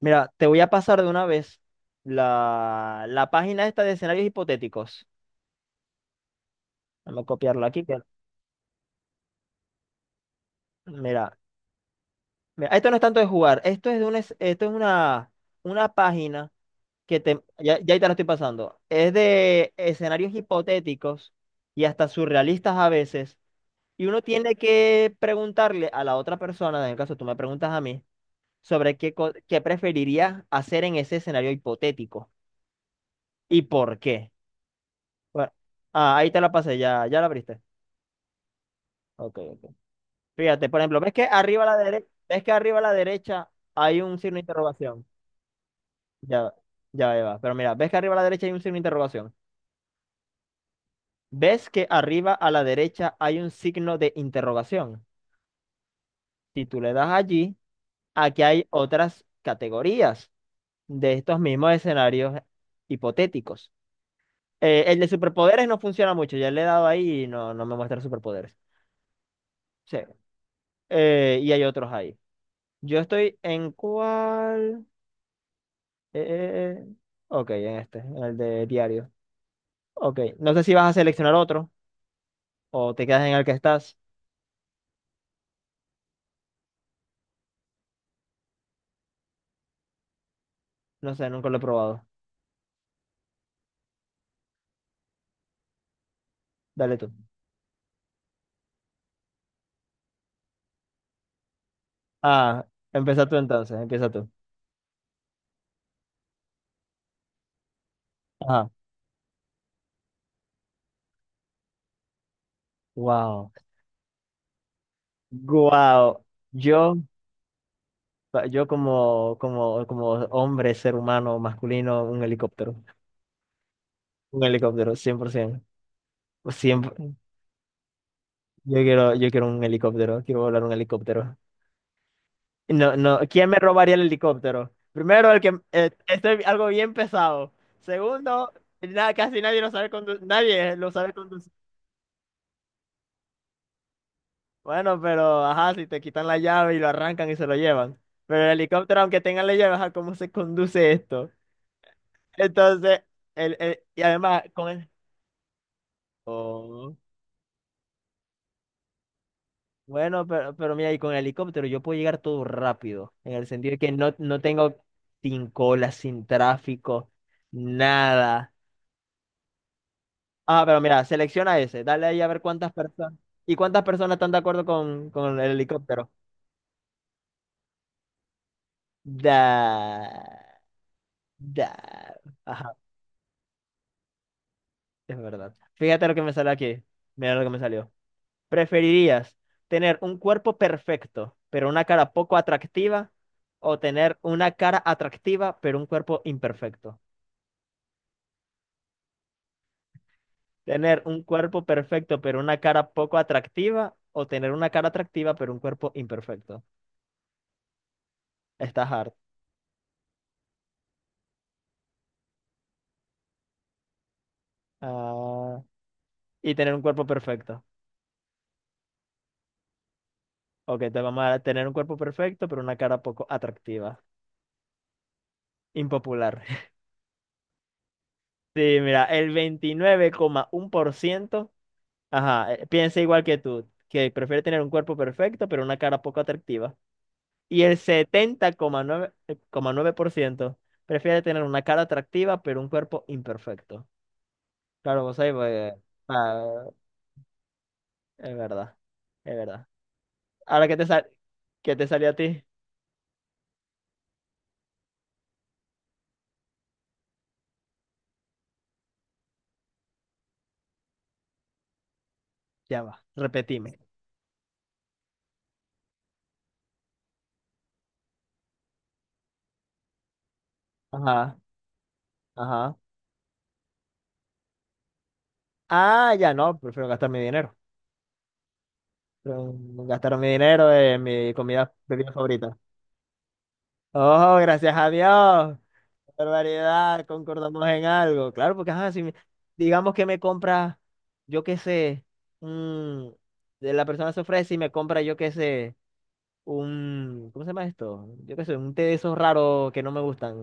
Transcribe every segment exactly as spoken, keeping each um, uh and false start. Mira, te voy a pasar de una vez la, la página esta de escenarios hipotéticos. Vamos a copiarlo aquí. que- mira, mira, esto no es tanto de jugar, esto es de una, es- esto es una, una página que te, ya, ya ahí te la estoy pasando. Es de escenarios hipotéticos y hasta surrealistas a veces. Y uno tiene que preguntarle a la otra persona, en el caso tú me preguntas a mí, sobre qué, co- qué preferirías hacer en ese escenario hipotético y por qué. Bueno, ah, ahí te la pasé, ya, ya la abriste. Ok, ok. Fíjate, por ejemplo, ¿ves que arriba a la derecha, ves que arriba a la derecha hay un signo de interrogación? Ya, ya Eva. Pero mira, ¿ves que arriba a la derecha hay un signo de interrogación? ¿Ves que arriba a la derecha hay un signo de interrogación? Si tú le das allí, aquí hay otras categorías de estos mismos escenarios hipotéticos. Eh, el de superpoderes no funciona mucho, ya le he dado ahí y no, no me muestra superpoderes. Sí. Eh, y hay otros ahí. Yo estoy en cuál. Eh, eh, eh. ok, en este, en el de diario. Ok, no sé si vas a seleccionar otro o te quedas en el que estás. No sé, nunca lo he probado. Dale tú. Ah, empieza tú entonces, empieza tú. Ajá. Wow. Wow. Yo, yo como, como, como hombre, ser humano, masculino, un helicóptero. Un helicóptero, cien por ciento. Siempre. Yo quiero, yo quiero un helicóptero, quiero volar un helicóptero. No, no, ¿quién me robaría el helicóptero? Primero, el que eh, este es algo bien pesado. Segundo, na- casi nadie lo sabe conducir, nadie lo sabe conducir. Bueno, pero ajá, si te quitan la llave y lo arrancan y se lo llevan. Pero el helicóptero, aunque tengan la llave, ajá, ¿cómo se conduce esto? Entonces, el, el- y además con el. Oh. Bueno, pero, pero mira, y con el helicóptero yo puedo llegar todo rápido, en el sentido de que no, no tengo sin cola, sin tráfico, nada. Ah, pero mira, selecciona ese, dale ahí a ver cuántas personas y cuántas personas están de acuerdo con, con el helicóptero. Da, da. Ajá, es verdad. Fíjate lo que me sale aquí. Mira lo que me salió. ¿Preferirías tener un cuerpo perfecto, pero una cara poco atractiva, o tener una cara atractiva, pero un cuerpo imperfecto? ¿Tener un cuerpo perfecto, pero una cara poco atractiva, o tener una cara atractiva, pero un cuerpo imperfecto? Está hard. Ah, Y tener un cuerpo perfecto. Ok, te vamos a tener un cuerpo perfecto, pero una cara poco atractiva. Impopular. Sí, mira, el veintinueve coma uno por ciento, ajá, eh, piensa igual que tú, que prefiere tener un cuerpo perfecto, pero una cara poco atractiva. Y el setenta coma nueve eh, coma nueve por ciento prefiere tener una cara atractiva, pero un cuerpo imperfecto. Claro, vos ahí, pues, ah, es verdad, es verdad. Ahora, ¿qué te sal- qué te salió a ti? Ya va, repetime. Ajá, ajá. Ah, ya no, prefiero gastar mi dinero. Prefiero gastar mi dinero en mi comida, bebida favorita. Oh, gracias a Dios. ¡Qué barbaridad! Concordamos en algo. Claro, porque ajá, si me- digamos que me compra, yo qué sé, un- de la persona se ofrece y me compra, yo qué sé, un, ¿cómo se llama esto? Yo qué sé, un té de esos raros que no me gustan.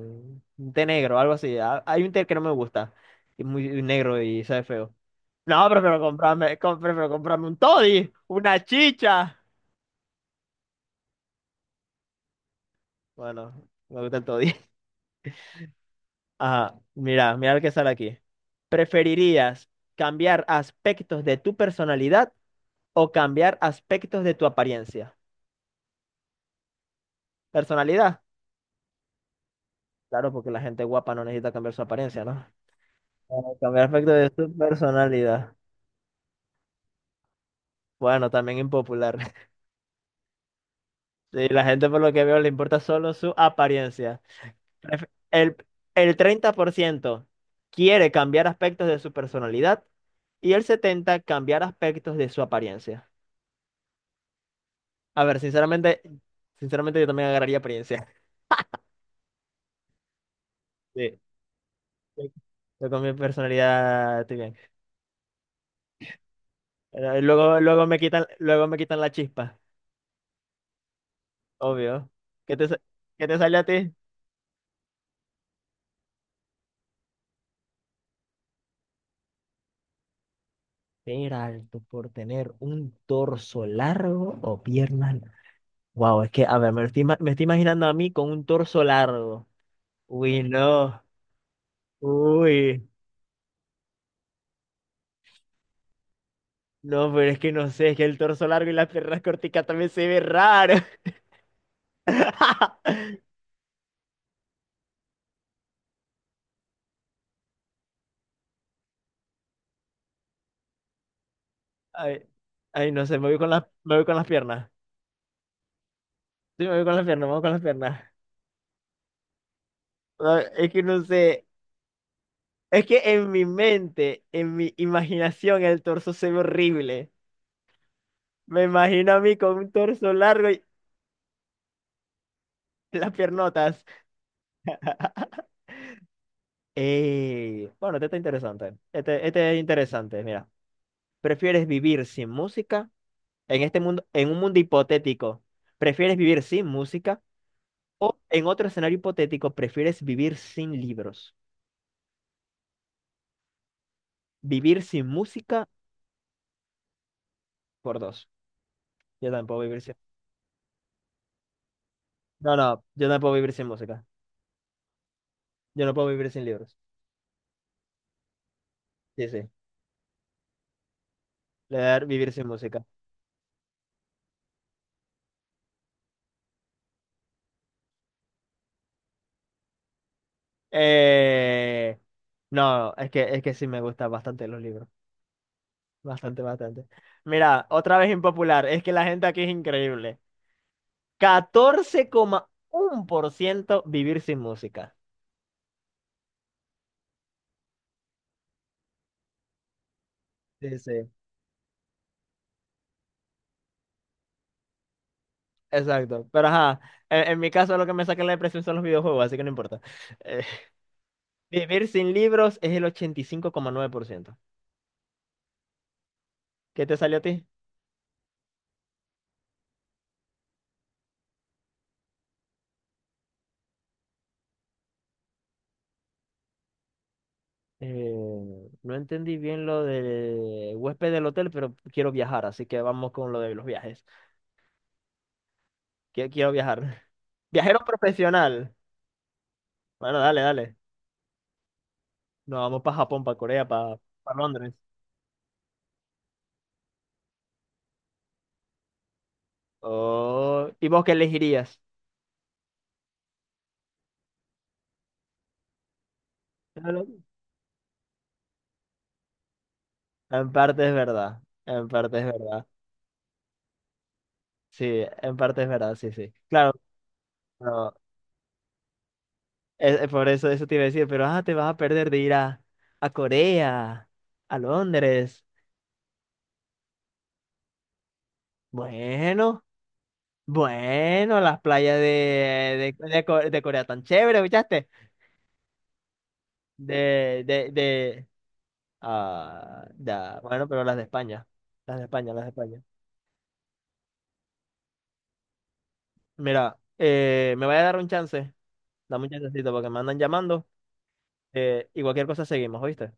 Un té negro, algo así. Ah, Hay un té que no me gusta, que es muy negro y sabe feo. No, prefiero comprarme, com- prefiero comprarme un toddy, una chicha. Bueno, me gusta el toddy. Ajá, mira, mira lo que sale aquí. ¿Preferirías cambiar aspectos de tu personalidad o cambiar aspectos de tu apariencia? ¿Personalidad? Claro, porque la gente guapa no necesita cambiar su apariencia, ¿no? Bueno, cambiar aspectos de su personalidad. Bueno, también impopular. Sí, la gente por lo que veo le importa solo su apariencia. Pref- El, el treinta por ciento quiere cambiar aspectos de su personalidad y el setenta por ciento cambiar aspectos de su apariencia. A ver, sinceramente, sinceramente yo también agarraría apariencia. Sí. Yo con mi personalidad estoy bien. Pero luego, luego me quitan, luego me quitan la chispa, obvio. ¿Qué te, sa- qué te sale a ti? Ser alto por tener un torso largo o piernas. Wow, es que, a ver, me lo estoy, ima- me estoy imaginando a mí con un torso largo. Uy, no. Uy, no, pero es que no sé, es que el torso largo y las piernas corticas también se ve raro. Ay, ay, no sé, me voy con las, me voy con las piernas. Sí, me voy con las piernas, me voy con las piernas. No, es que no sé, es que en mi mente, en mi imaginación, el torso se ve horrible. Me imagino a mí con un torso largo y las piernotas. Ey, bueno, este está interesante. Este, este es interesante, mira. ¿Prefieres vivir sin música? En este mundo, en un mundo hipotético, ¿prefieres vivir sin música o en otro escenario hipotético, prefieres vivir sin libros? Vivir sin música por dos. Yo tampoco vivir sin. No, no, yo no puedo vivir sin música. Yo no puedo vivir sin libros. Sí, sí. Le dar vivir sin música. Eh, no, es que, es que sí me gustan bastante los libros. Bastante, bastante. Mira, otra vez impopular. Es que la gente aquí es increíble. Catorce coma uno por ciento vivir sin música. Sí, sí. Exacto, pero ajá, en, en mi caso lo que me saca la depresión son los videojuegos, así que no importa. Eh, Vivir sin libros es el ochenta y cinco coma nueve por ciento. ¿Qué te salió a ti? Eh, no entendí bien lo de huésped del hotel, pero quiero viajar, así que vamos con lo de los viajes. Qui- Quiero, viajar. Viajero profesional. Bueno, dale, dale. Nos vamos para Japón, para Corea, para Londres. Oh, ¿y vos qué elegirías? Claro. En parte es verdad, en parte es verdad. Sí, en parte es verdad, sí, sí. Claro. Eh, eh, por eso, eso te iba a decir, pero ah, te vas a perder de ir a, a Corea, a Londres. Bueno, bueno, las playas de, de, de Co- de Corea tan chévere, ¿escuchaste? De, de, de, ah, da- bueno, pero las de España, las de España, las de España. Mira, eh, me voy a dar un chance, dame un chancecito porque me andan llamando eh, y cualquier cosa seguimos, ¿oíste?